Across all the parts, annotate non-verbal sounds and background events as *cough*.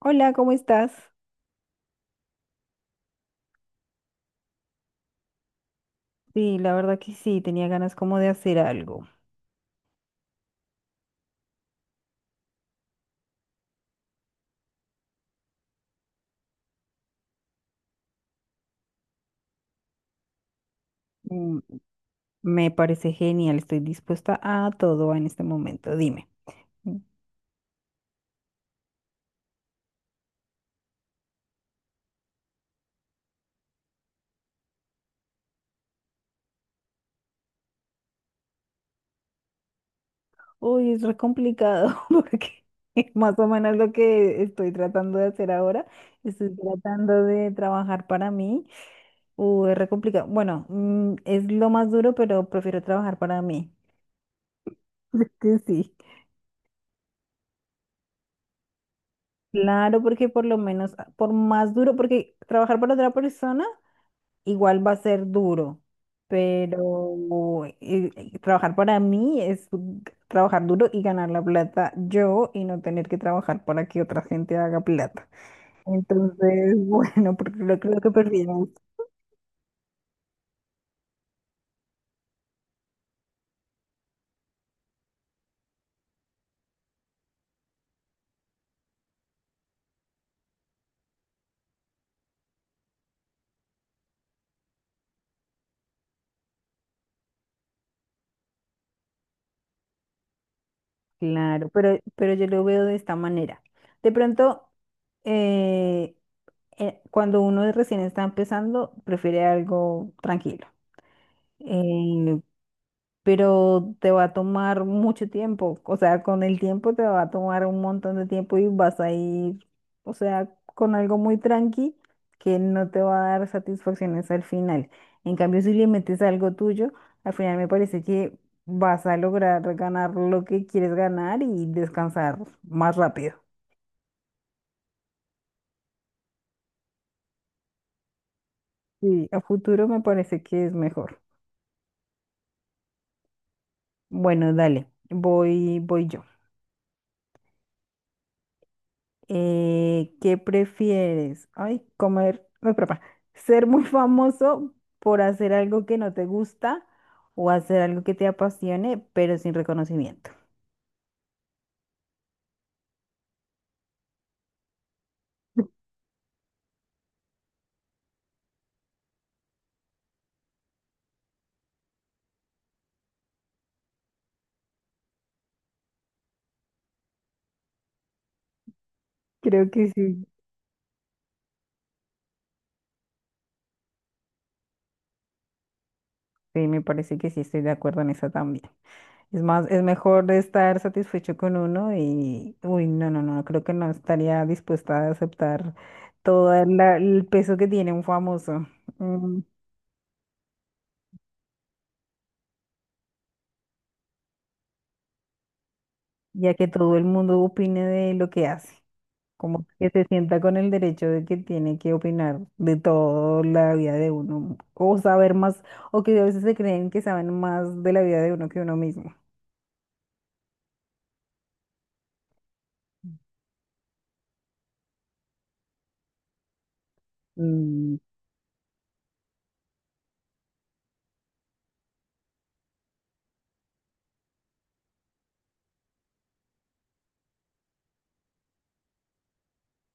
Hola, ¿cómo estás? Sí, la verdad que sí, tenía ganas como de hacer algo. Mm, me parece genial, estoy dispuesta a todo en este momento. Dime. Mm. Uy, es re complicado *laughs* porque es más o menos lo que estoy tratando de hacer ahora. Estoy tratando de trabajar para mí. Uy, es re complicado. Bueno, es lo más duro, pero prefiero trabajar para mí. *laughs* Es que sí. Claro, porque por lo menos, por más duro, porque trabajar para otra persona igual va a ser duro, pero trabajar para mí es trabajar duro y ganar la plata yo y no tener que trabajar para que otra gente haga plata. Entonces, *laughs* bueno, porque lo creo que prefiero. Claro, pero yo lo veo de esta manera. De pronto, eh, cuando uno recién está empezando, prefiere algo tranquilo. Eh, pero te va a tomar mucho tiempo. O sea, con el tiempo te va a tomar un montón de tiempo y vas a ir, o sea, con algo muy tranqui que no te va a dar satisfacciones al final. En cambio, si le metes algo tuyo, al final me parece que vas a lograr ganar lo que quieres ganar y descansar más rápido. Y a futuro me parece que es mejor. Bueno, dale, voy yo. ¿Qué prefieres? Ay, comer, no, perdón, ser muy famoso por hacer algo que no te gusta o hacer algo que te apasione, pero sin reconocimiento. *laughs* Creo que sí. Sí, me parece que sí, estoy de acuerdo en eso también. Es más, es mejor estar satisfecho con uno y, uy, no, no, no, creo que no estaría dispuesta a aceptar todo el peso que tiene un famoso, mm, ya que todo el mundo opine de lo que hace. Como que se sienta con el derecho de que tiene que opinar de toda la vida de uno, o saber más, o que a veces se creen que saben más de la vida de uno que uno mismo. Mm.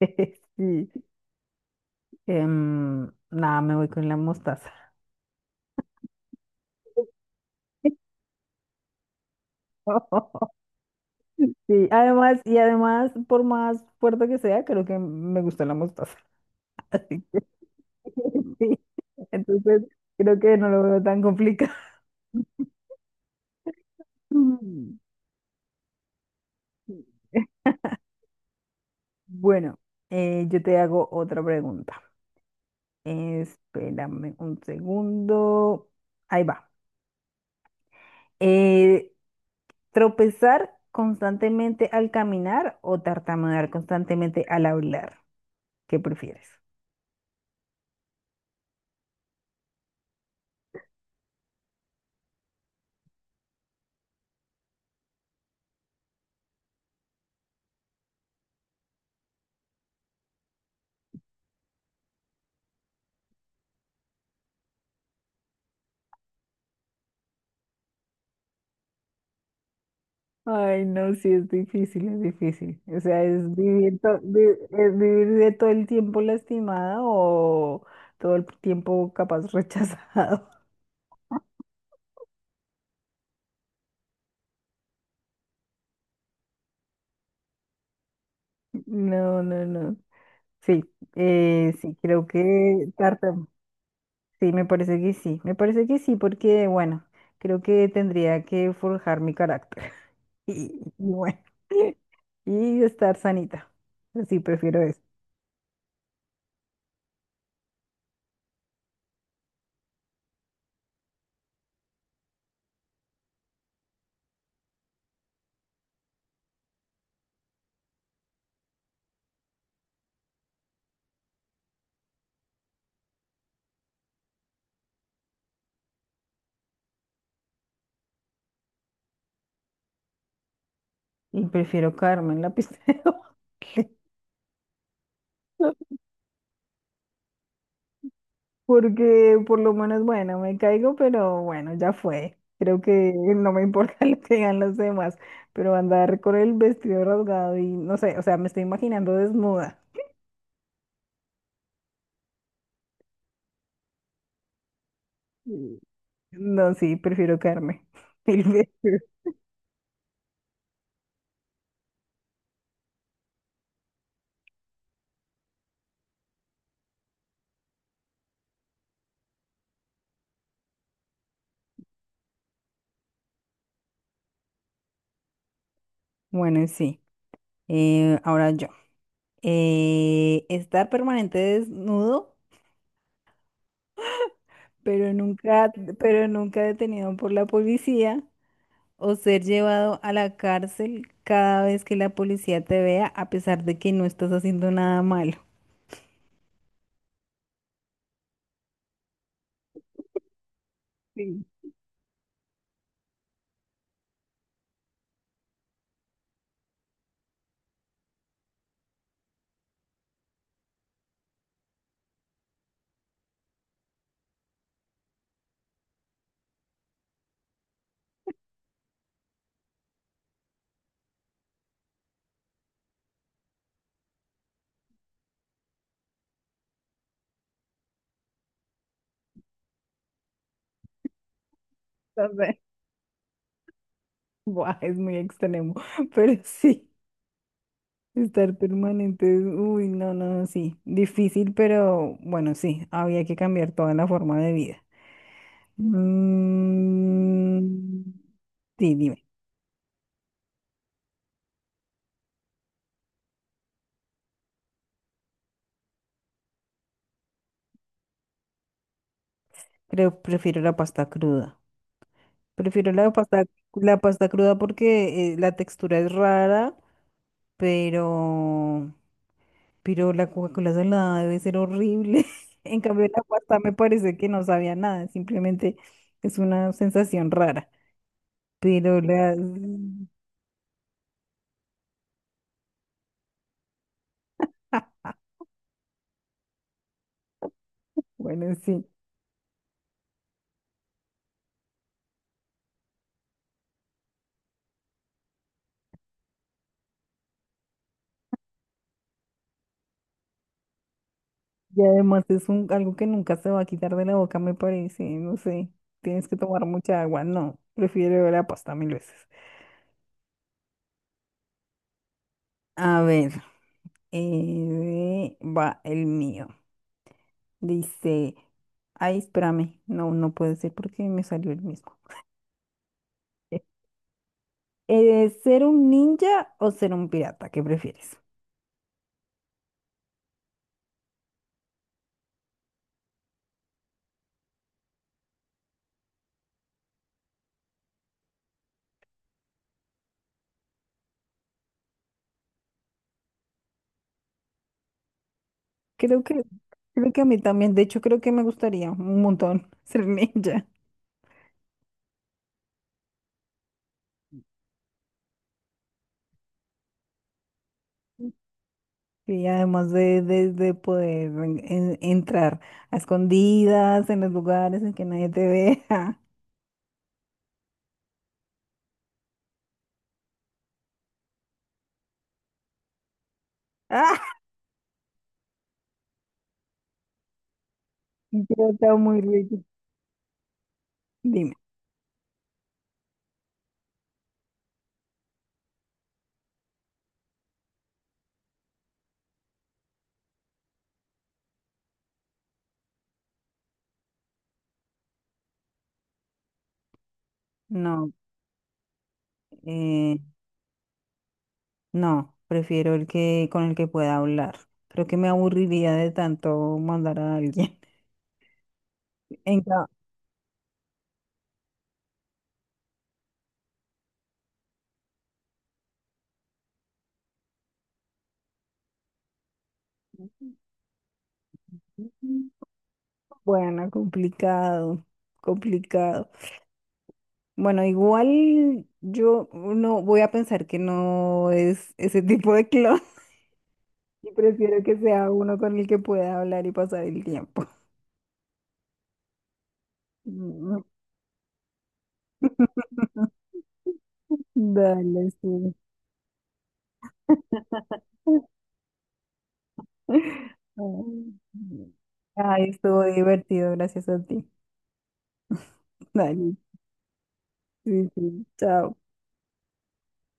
*laughs* Sí. Em, nada, me voy con la mostaza. *laughs* Sí, además, y además, por más fuerte que sea, creo que me gusta la mostaza. *laughs* Así que, sí, entonces creo que no lo veo tan complicado. *laughs* Mm. Bueno, yo te hago otra pregunta. Espérame un segundo. Ahí va. Eh, Tropezar constantemente al caminar o tartamudear constantemente al hablar. ¿Qué prefieres? Ay, no, sí, es difícil, es difícil. O sea, es vivir, es vivir de todo el tiempo lastimada o todo el tiempo capaz *laughs* rechazado. No, no, no. Sí, sí, creo que tartam. Sí, me parece que sí. Me parece que sí, porque, bueno, creo que tendría que forjar mi carácter. *laughs* Y, y bueno, *laughs* y estar sanita. Sí, prefiero eso. Y prefiero Carmen, la pisteo. *laughs* Porque por lo menos, bueno, me caigo, pero bueno, ya fue. Creo que no me importa *laughs* lo que digan los demás, pero andar con el vestido rasgado y no sé, o sea, me estoy imaginando desnuda. Mm. No, sí, prefiero quedarme *laughs* mil veces. Bueno, sí. Ahora yo. Estar permanente desnudo, pero nunca, pero nunca detenido por la policía, o ser llevado a la cárcel cada vez que la policía te vea, a pesar de que no estás haciendo nada malo. Sí, o *laughs* buah, es muy extremo, *laughs* pero sí. Estar permanente, uy, no, no, no, sí, difícil, pero bueno, sí, había que cambiar toda la forma de vida. Mm, sí, dime. Creo, prefiero la pasta cruda. Prefiero la pasta cruda porque la textura es rara, pero, pero la Coca-Cola salada debe ser horrible. *laughs* En cambio, la pasta me parece que no sabía nada, simplemente es una sensación rara. Pero la... *laughs* Bueno, sí. Y además es un, algo que nunca se va a quitar de la boca, me parece, no sé, tienes que tomar mucha agua, no, prefiero la pasta mil veces. A ver, va el mío. Dice, ay, espérame, no, no puede ser porque me salió el mismo. Eh, ¿Ser un ninja o ser un pirata? ¿Qué prefieres? Creo que, creo que a mí también, de hecho creo que me gustaría un montón *laughs* ser ninja. Y además de, poder entrar a escondidas en los lugares en que nadie te vea. *laughs* ¡Ah! Creo está muy rico. Dime. No, eh, no, prefiero el que con el que pueda hablar. Creo que me aburriría de tanto mandar a alguien. *laughs* En ca- bueno, complicado, complicado. Bueno, igual yo no voy a pensar que no es ese tipo de clon. Y prefiero que sea uno con el que pueda hablar y pasar el tiempo. Mm. *laughs* Dale, sí. *laughs* Ay, estuvo divertido, gracias a ti. Dale, sí, sí, chao.